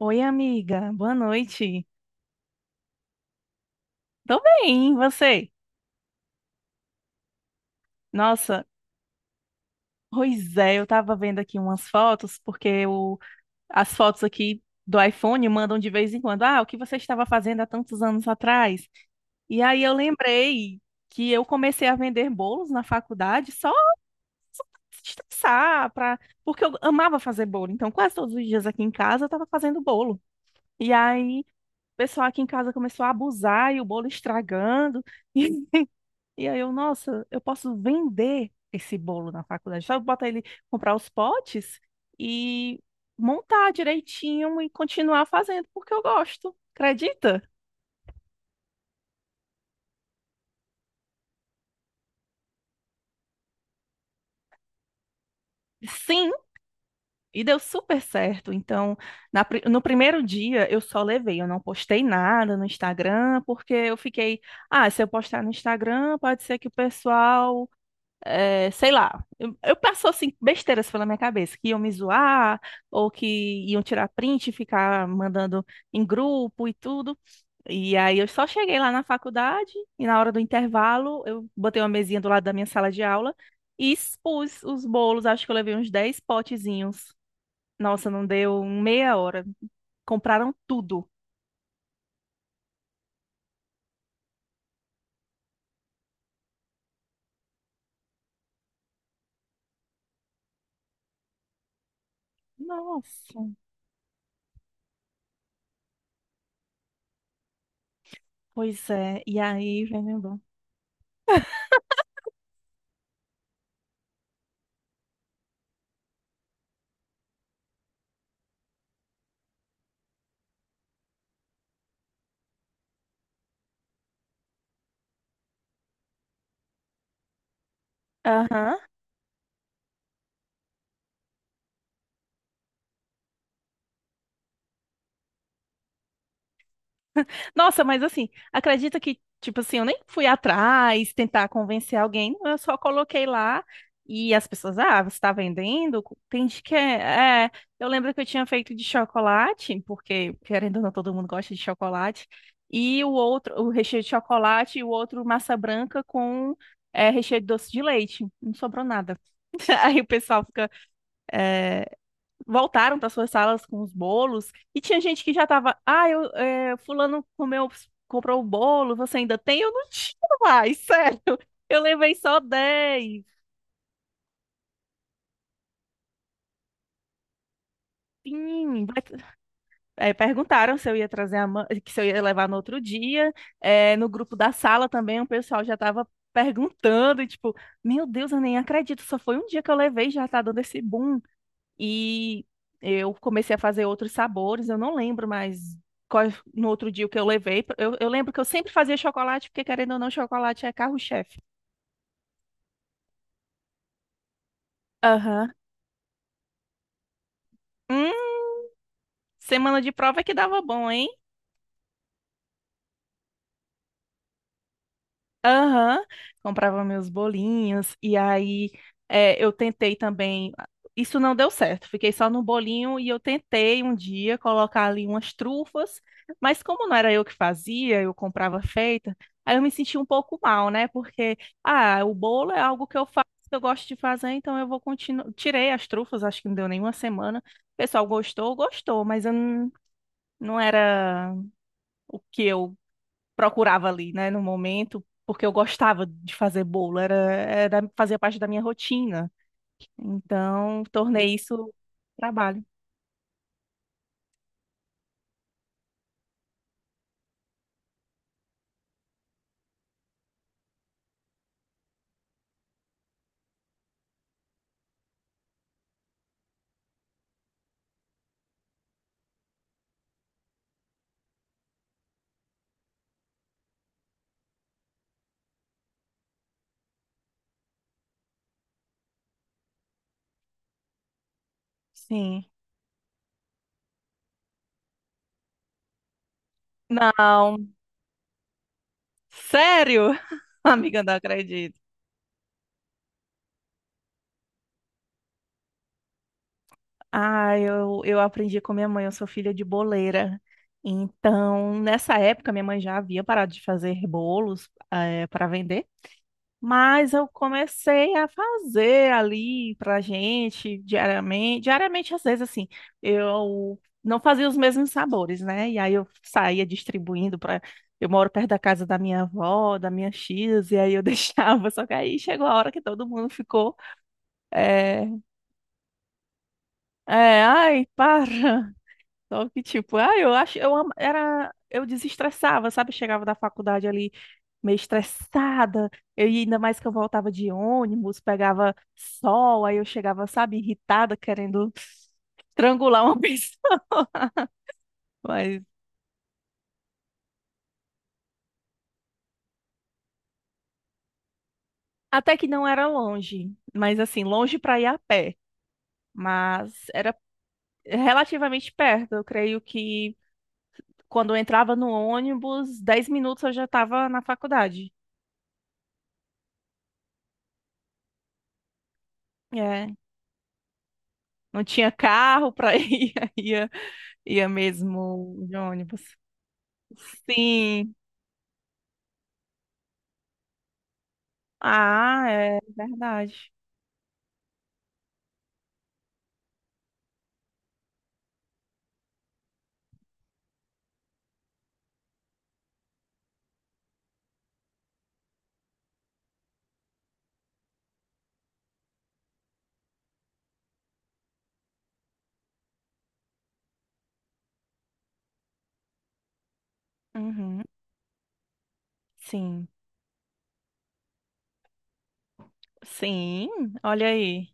Oi, amiga. Boa noite. Tô bem, e você? Nossa, pois é, eu tava vendo aqui umas fotos, porque as fotos aqui do iPhone mandam de vez em quando. Ah, o que você estava fazendo há tantos anos atrás? E aí eu lembrei que eu comecei a vender bolos na faculdade só pra estressar, porque eu amava fazer bolo. Então, quase todos os dias aqui em casa eu tava fazendo bolo. E aí, o pessoal aqui em casa começou a abusar e o bolo estragando. E aí eu, nossa, eu posso vender esse bolo na faculdade. Só botar ele, comprar os potes e montar direitinho e continuar fazendo porque eu gosto. Acredita? Sim, e deu super certo. Então, no primeiro dia eu só levei, eu não postei nada no Instagram, porque eu fiquei, ah, se eu postar no Instagram, pode ser que o pessoal é, sei lá, eu passo assim, besteiras pela minha cabeça, que iam me zoar, ou que iam tirar print e ficar mandando em grupo e tudo. E aí eu só cheguei lá na faculdade e na hora do intervalo eu botei uma mesinha do lado da minha sala de aula e expus os bolos, acho que eu levei uns 10 potezinhos. Nossa, não deu um meia hora. Compraram tudo. Nossa, pois é. E aí, vem meu bom. Aham. Nossa, mas assim, acredita que, tipo assim, eu nem fui atrás tentar convencer alguém, não, eu só coloquei lá e as pessoas, ah, você tá vendendo? Tem gente que é, é. Eu lembro que eu tinha feito de chocolate, porque, querendo ou não, todo mundo gosta de chocolate, e o outro, o recheio de chocolate e o outro massa branca com é, recheio de doce de leite. Não sobrou nada. Aí o pessoal fica, voltaram para suas salas com os bolos e tinha gente que já tava, ah, eu, é, fulano comeu, comprou o bolo, você ainda tem? Eu não tinha mais, sério. Eu levei só dez. Sim, vai- é, perguntaram se eu ia que se eu ia levar no outro dia. É, no grupo da sala também, o pessoal já estava perguntando, e tipo, meu Deus, eu nem acredito, só foi um dia que eu levei, e já tá dando esse boom. E eu comecei a fazer outros sabores, eu não lembro mais qual, no outro dia o que eu levei. Eu lembro que eu sempre fazia chocolate, porque querendo ou não, chocolate é carro-chefe. Aham. Hum, semana de prova é que dava bom, hein? Aham, comprava meus bolinhos e aí é, eu tentei também. Isso não deu certo, fiquei só no bolinho e eu tentei um dia colocar ali umas trufas, mas como não era eu que fazia, eu comprava feita, aí eu me senti um pouco mal, né? Porque, ah, o bolo é algo que eu faço, que eu gosto de fazer, então eu vou continuar. Tirei as trufas, acho que não deu nenhuma semana. O pessoal gostou, gostou, mas eu não, não era o que eu procurava ali, né, no momento, porque eu gostava de fazer bolo, era, fazia parte da minha rotina. Então, tornei isso trabalho. Sim. Não, sério? Amiga, não acredito. Ah, eu aprendi com minha mãe, eu sou filha de boleira. Então, nessa época, minha mãe já havia parado de fazer bolos, para vender. Mas eu comecei a fazer ali pra gente diariamente. Diariamente, às vezes, assim, eu não fazia os mesmos sabores, né? E aí eu saía distribuindo para. Eu moro perto da casa da minha avó, da minha X, e aí eu deixava. Só que aí chegou a hora que todo mundo ficou. É, é, ai, para. Só que, tipo, ah, eu acho, eu desestressava, sabe? Chegava da faculdade ali meio estressada, eu, e ainda mais que eu voltava de ônibus, pegava sol, aí eu chegava, sabe, irritada, querendo estrangular uma pessoa. Mas até que não era longe, mas assim, longe para ir a pé, mas era relativamente perto. Eu creio que quando eu entrava no ônibus, 10 minutos eu já estava na faculdade. É. Não tinha carro para ir, ia, ia mesmo de ônibus. Sim. Ah, é verdade. Uhum. Sim. Sim, olha aí.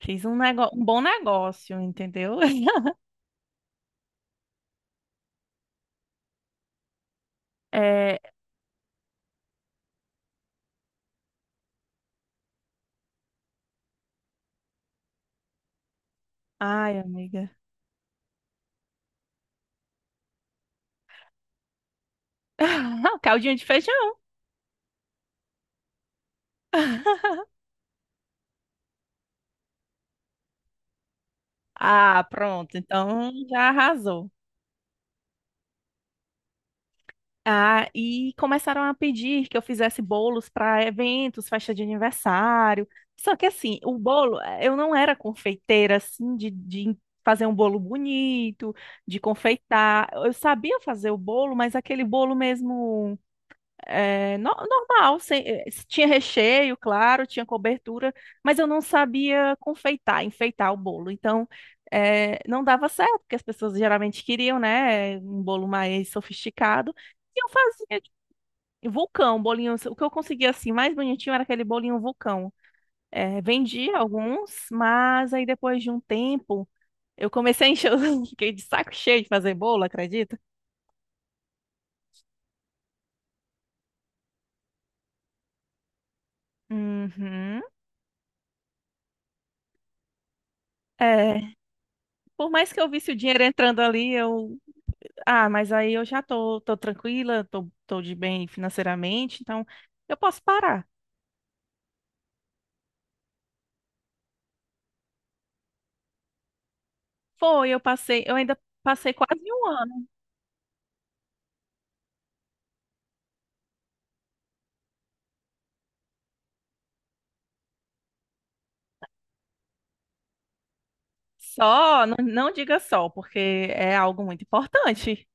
Fiz um negócio, um bom negócio, entendeu? É... Ai, amiga. Caldinho de feijão. Ah, pronto. Então já arrasou. Ah, e começaram a pedir que eu fizesse bolos para eventos, festa de aniversário. Só que assim, o bolo, eh, eu não era confeiteira assim de fazer um bolo bonito, de confeitar. Eu sabia fazer o bolo, mas aquele bolo mesmo é, normal, sem- eh, tinha recheio, claro, tinha cobertura, mas eu não sabia confeitar, enfeitar o bolo. Então, eh, não dava certo, porque as pessoas geralmente queriam, né, um bolo mais sofisticado. E eu fazia de- vulcão, bolinho. O que eu conseguia assim mais bonitinho era aquele bolinho vulcão. Eh, vendia alguns, mas aí depois de um tempo eu comecei a encher, os- fiquei de saco cheio de fazer bolo, acredita? Uhum. É, por mais que eu visse o dinheiro entrando ali, eu ah, mas aí eu já tô, tô tranquila, tô de bem financeiramente, então eu posso parar. Foi, eu passei, eu ainda passei quase um ano. Só, não, não diga só, porque é algo muito importante.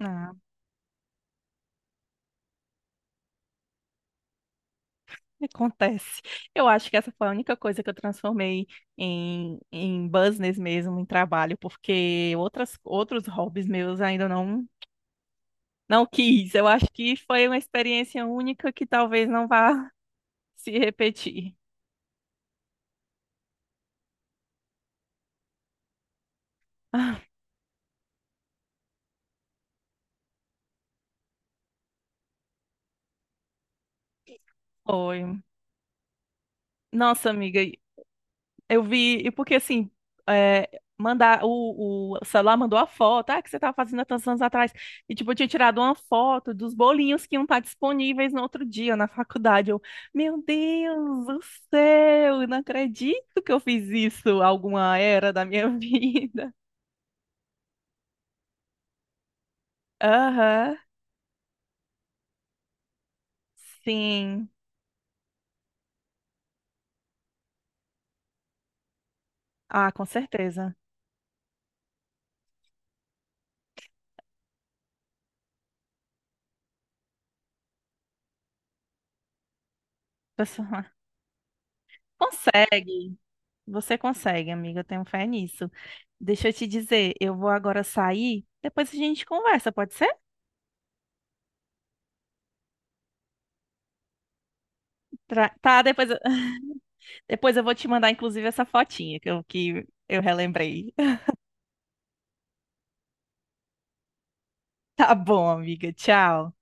Ah, acontece. Eu acho que essa foi a única coisa que eu transformei em, em business mesmo, em trabalho, porque outras, outros hobbies meus ainda não, não quis. Eu acho que foi uma experiência única que talvez não vá se repetir. Ah, foi, nossa, amiga, eu vi, e porque assim, é, mandar o celular mandou a foto, ah, que você tava fazendo há tantos anos atrás, e tipo, eu tinha tirado uma foto dos bolinhos que iam estar disponíveis no outro dia na faculdade. Eu, meu Deus do céu, eu não acredito que eu fiz isso alguma era da minha vida. Aham, sim. Ah, com certeza. Pessoal, consegue. Você consegue, amiga, eu tenho fé nisso. Deixa eu te dizer, eu vou agora sair, depois a gente conversa, pode ser? Tra- Tá, depois eu... depois eu vou te mandar, inclusive, essa fotinha que eu relembrei. Tá bom, amiga, tchau.